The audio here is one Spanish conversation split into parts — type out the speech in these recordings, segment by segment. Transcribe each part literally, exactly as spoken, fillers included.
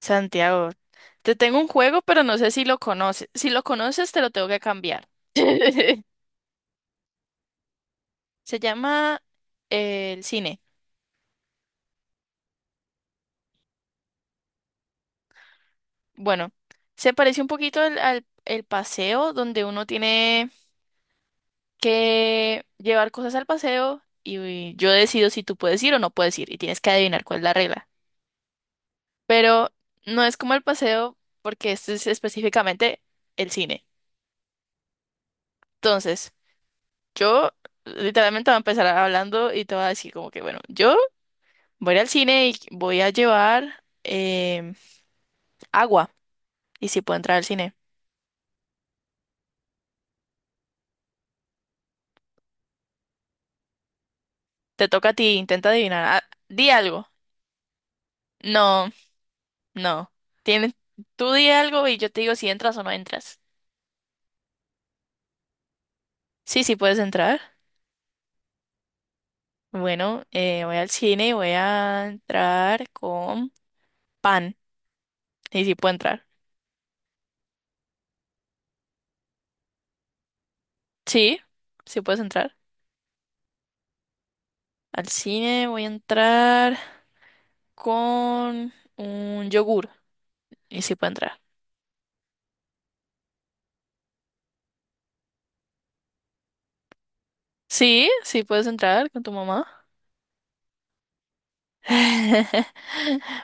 Santiago, te tengo un juego, pero no sé si lo conoces. Si lo conoces, te lo tengo que cambiar. Se llama eh, el cine. Bueno, se parece un poquito al, al- el paseo, donde uno tiene que llevar cosas al paseo y yo decido si tú puedes ir o no puedes ir y tienes que adivinar cuál es la regla. Pero no es como el paseo, porque este es específicamente el cine. Entonces, yo literalmente voy a empezar hablando y te voy a decir como que, bueno, yo... Voy a ir al cine y voy a llevar em, agua. Y si puedo entrar al cine. Te toca a ti, intenta adivinar. Ah, di algo. No, no. Tienes, tú di algo y yo te digo si entras o no entras. Sí, sí puedes entrar. Bueno, eh, voy al cine y voy a entrar con pan. Y si puedo entrar. Sí, sí puedes entrar. Al cine voy a entrar con un yogur. Y si puedo entrar. Sí, sí puedes entrar con tu mamá.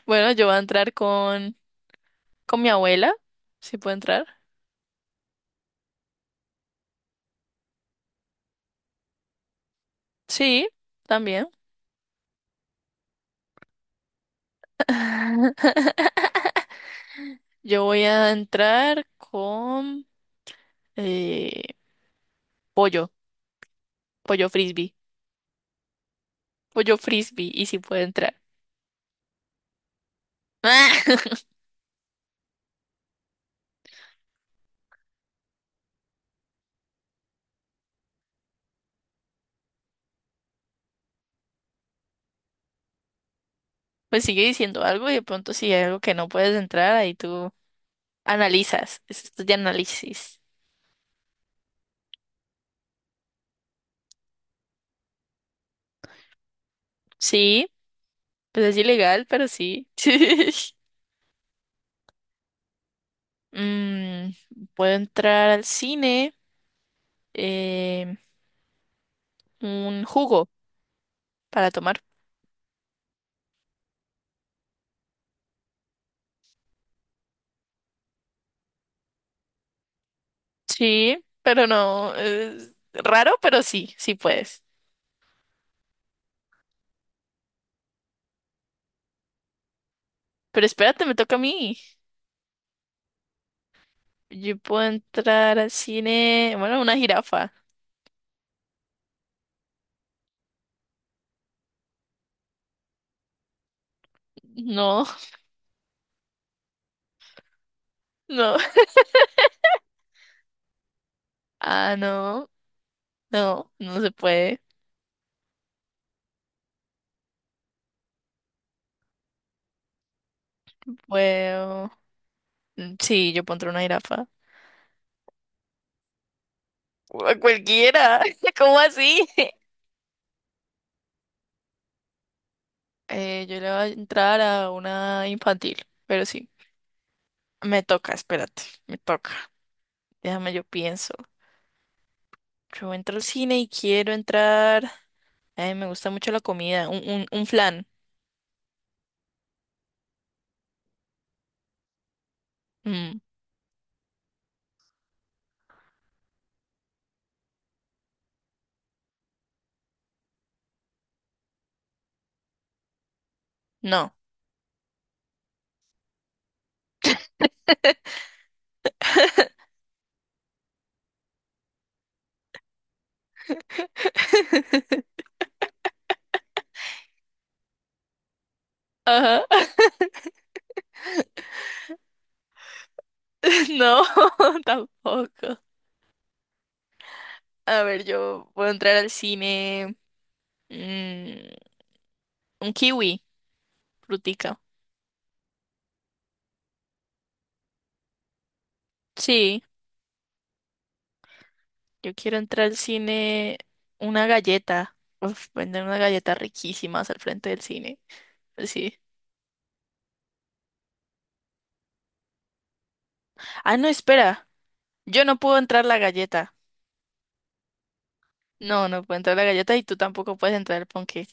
Bueno, yo voy a entrar con, con mi abuela, si puedo entrar. Sí, también. Yo voy a entrar con eh, pollo, pollo frisbee, pollo frisbee, y si puedo entrar. Pues sigue diciendo algo y de pronto si hay algo que no puedes entrar, ahí tú analizas. Es esto de análisis. Sí, pues es ilegal, pero sí. Mm, puedo entrar al cine, eh, un jugo para tomar. Sí, pero no. Es raro, pero sí, sí puedes. Pero espérate, me toca a mí. Yo puedo entrar al cine. Bueno, una jirafa. No, no. Ah, no. No, no se puede. Puedo. Mm, sí, yo puedo entrar a una jirafa. A cualquiera. ¿Cómo así? Eh, yo le voy a entrar a una infantil, pero sí. Me toca, espérate, me toca. Déjame, yo pienso. Yo entro al cine y quiero entrar. Ay, me gusta mucho la comida. Un, un, un flan. Mm, no. Ajá. No, tampoco. A ver, yo puedo entrar al cine. mm, un kiwi, frutica. Sí, yo quiero entrar al cine. Una galleta. Uf, venden unas galletas riquísimas al frente del cine. Pues sí. Ah, no, espera. Yo no puedo entrar la galleta. No, no puedo entrar la galleta y tú tampoco puedes entrar el ponqué.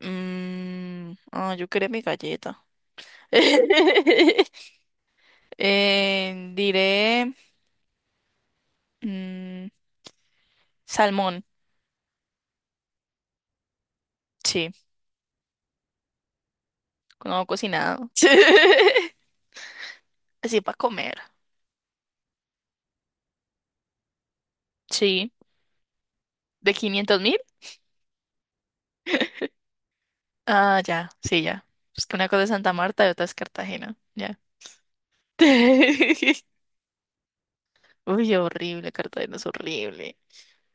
Mmm. Ah, yo quería mi galleta. Eh, diré mm, salmón, sí, no cocinado. Así para comer, sí. ¿De quinientos mil? Ah, ya, sí, ya. Es que una cosa es Santa Marta y otra es Cartagena, ya. Uy, horrible, Cartagena es horrible,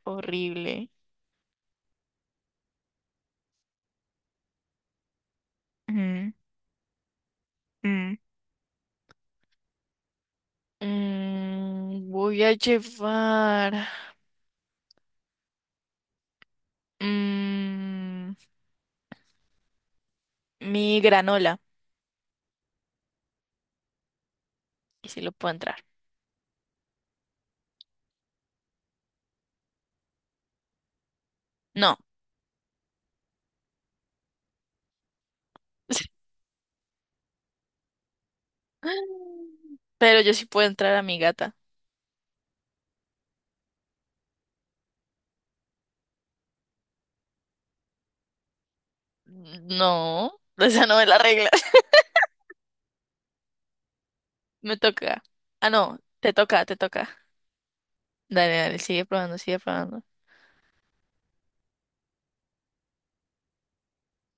horrible. Mm, mm. Mm, voy a llevar mm, mi granola, y si lo puedo entrar. No. Pero yo sí puedo entrar a mi gata. No, esa no es la regla. Me toca. Ah, no, te toca, te toca. Dale, dale, sigue probando, sigue probando.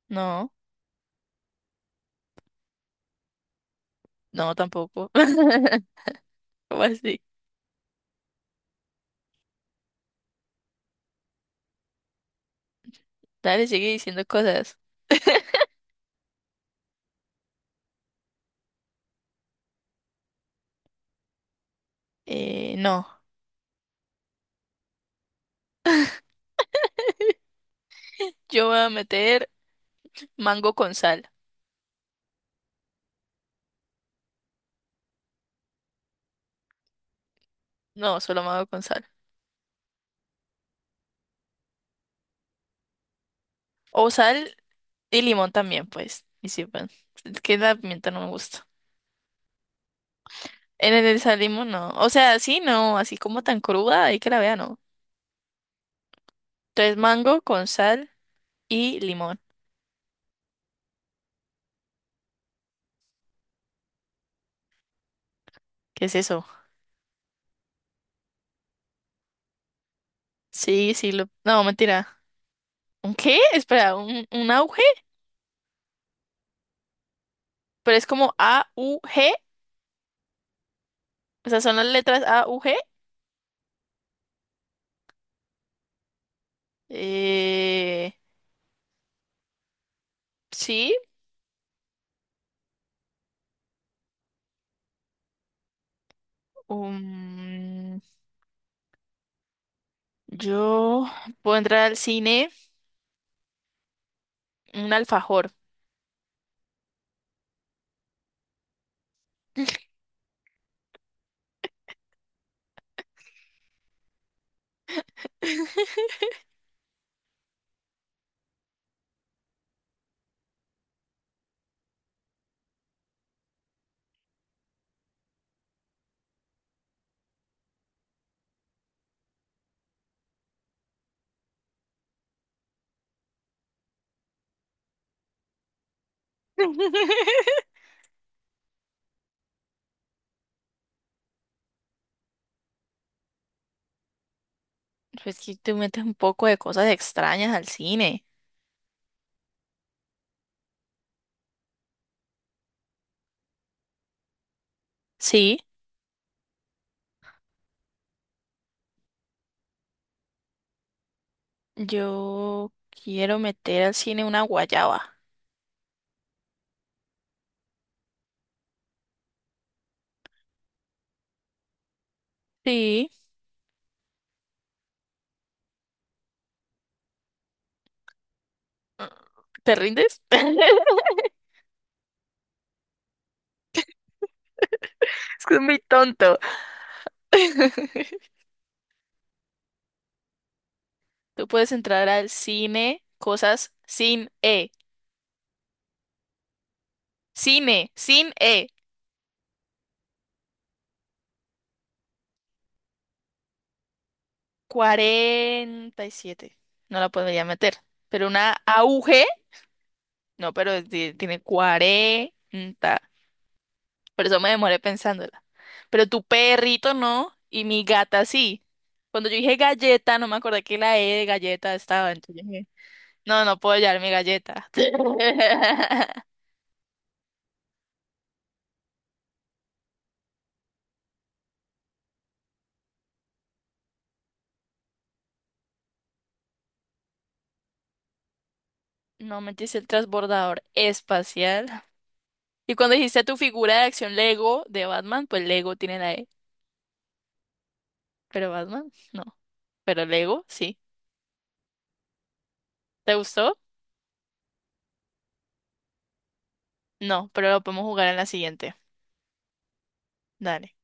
No, no, tampoco. ¿Cómo así? Dale, sigue diciendo cosas. Eh, no, yo voy a meter mango con sal. No, solo mango con sal. O sal y limón también, pues. Y sí, bueno, es que la pimienta no me gusta. En el sal limón no. O sea, sí, no, así como tan cruda, ahí que la vea, no. Entonces mango con sal y limón. ¿Qué es eso? Sí, sí, lo... No, mentira. ¿Un qué? Espera, ¿un, un auge? Pero es como A U G. O sea, son las letras A U G. Eh... Sí. um, Yo puedo entrar al cine un alfajor. Pues que te metes un poco de cosas extrañas al cine. Sí. Yo quiero meter al cine una guayaba. Sí. ¿Te rindes? Es que es muy tonto. Tú puedes entrar al cine, cosas sin E. Cine, sin E. Cuarenta y siete. No la podría meter. Pero una auge, no, pero ti- tiene cuarenta. Por eso me demoré pensándola. Pero tu perrito no, y mi gata sí. Cuando yo dije galleta, no me acordé que la E de galleta estaba. Entonces dije, no, no puedo llevar mi galleta. No me dice el transbordador espacial. Y cuando dijiste tu figura de acción Lego de Batman, pues Lego tiene la E. Pero Batman, no. Pero Lego, sí. ¿Te gustó? No, pero lo podemos jugar en la siguiente. Dale.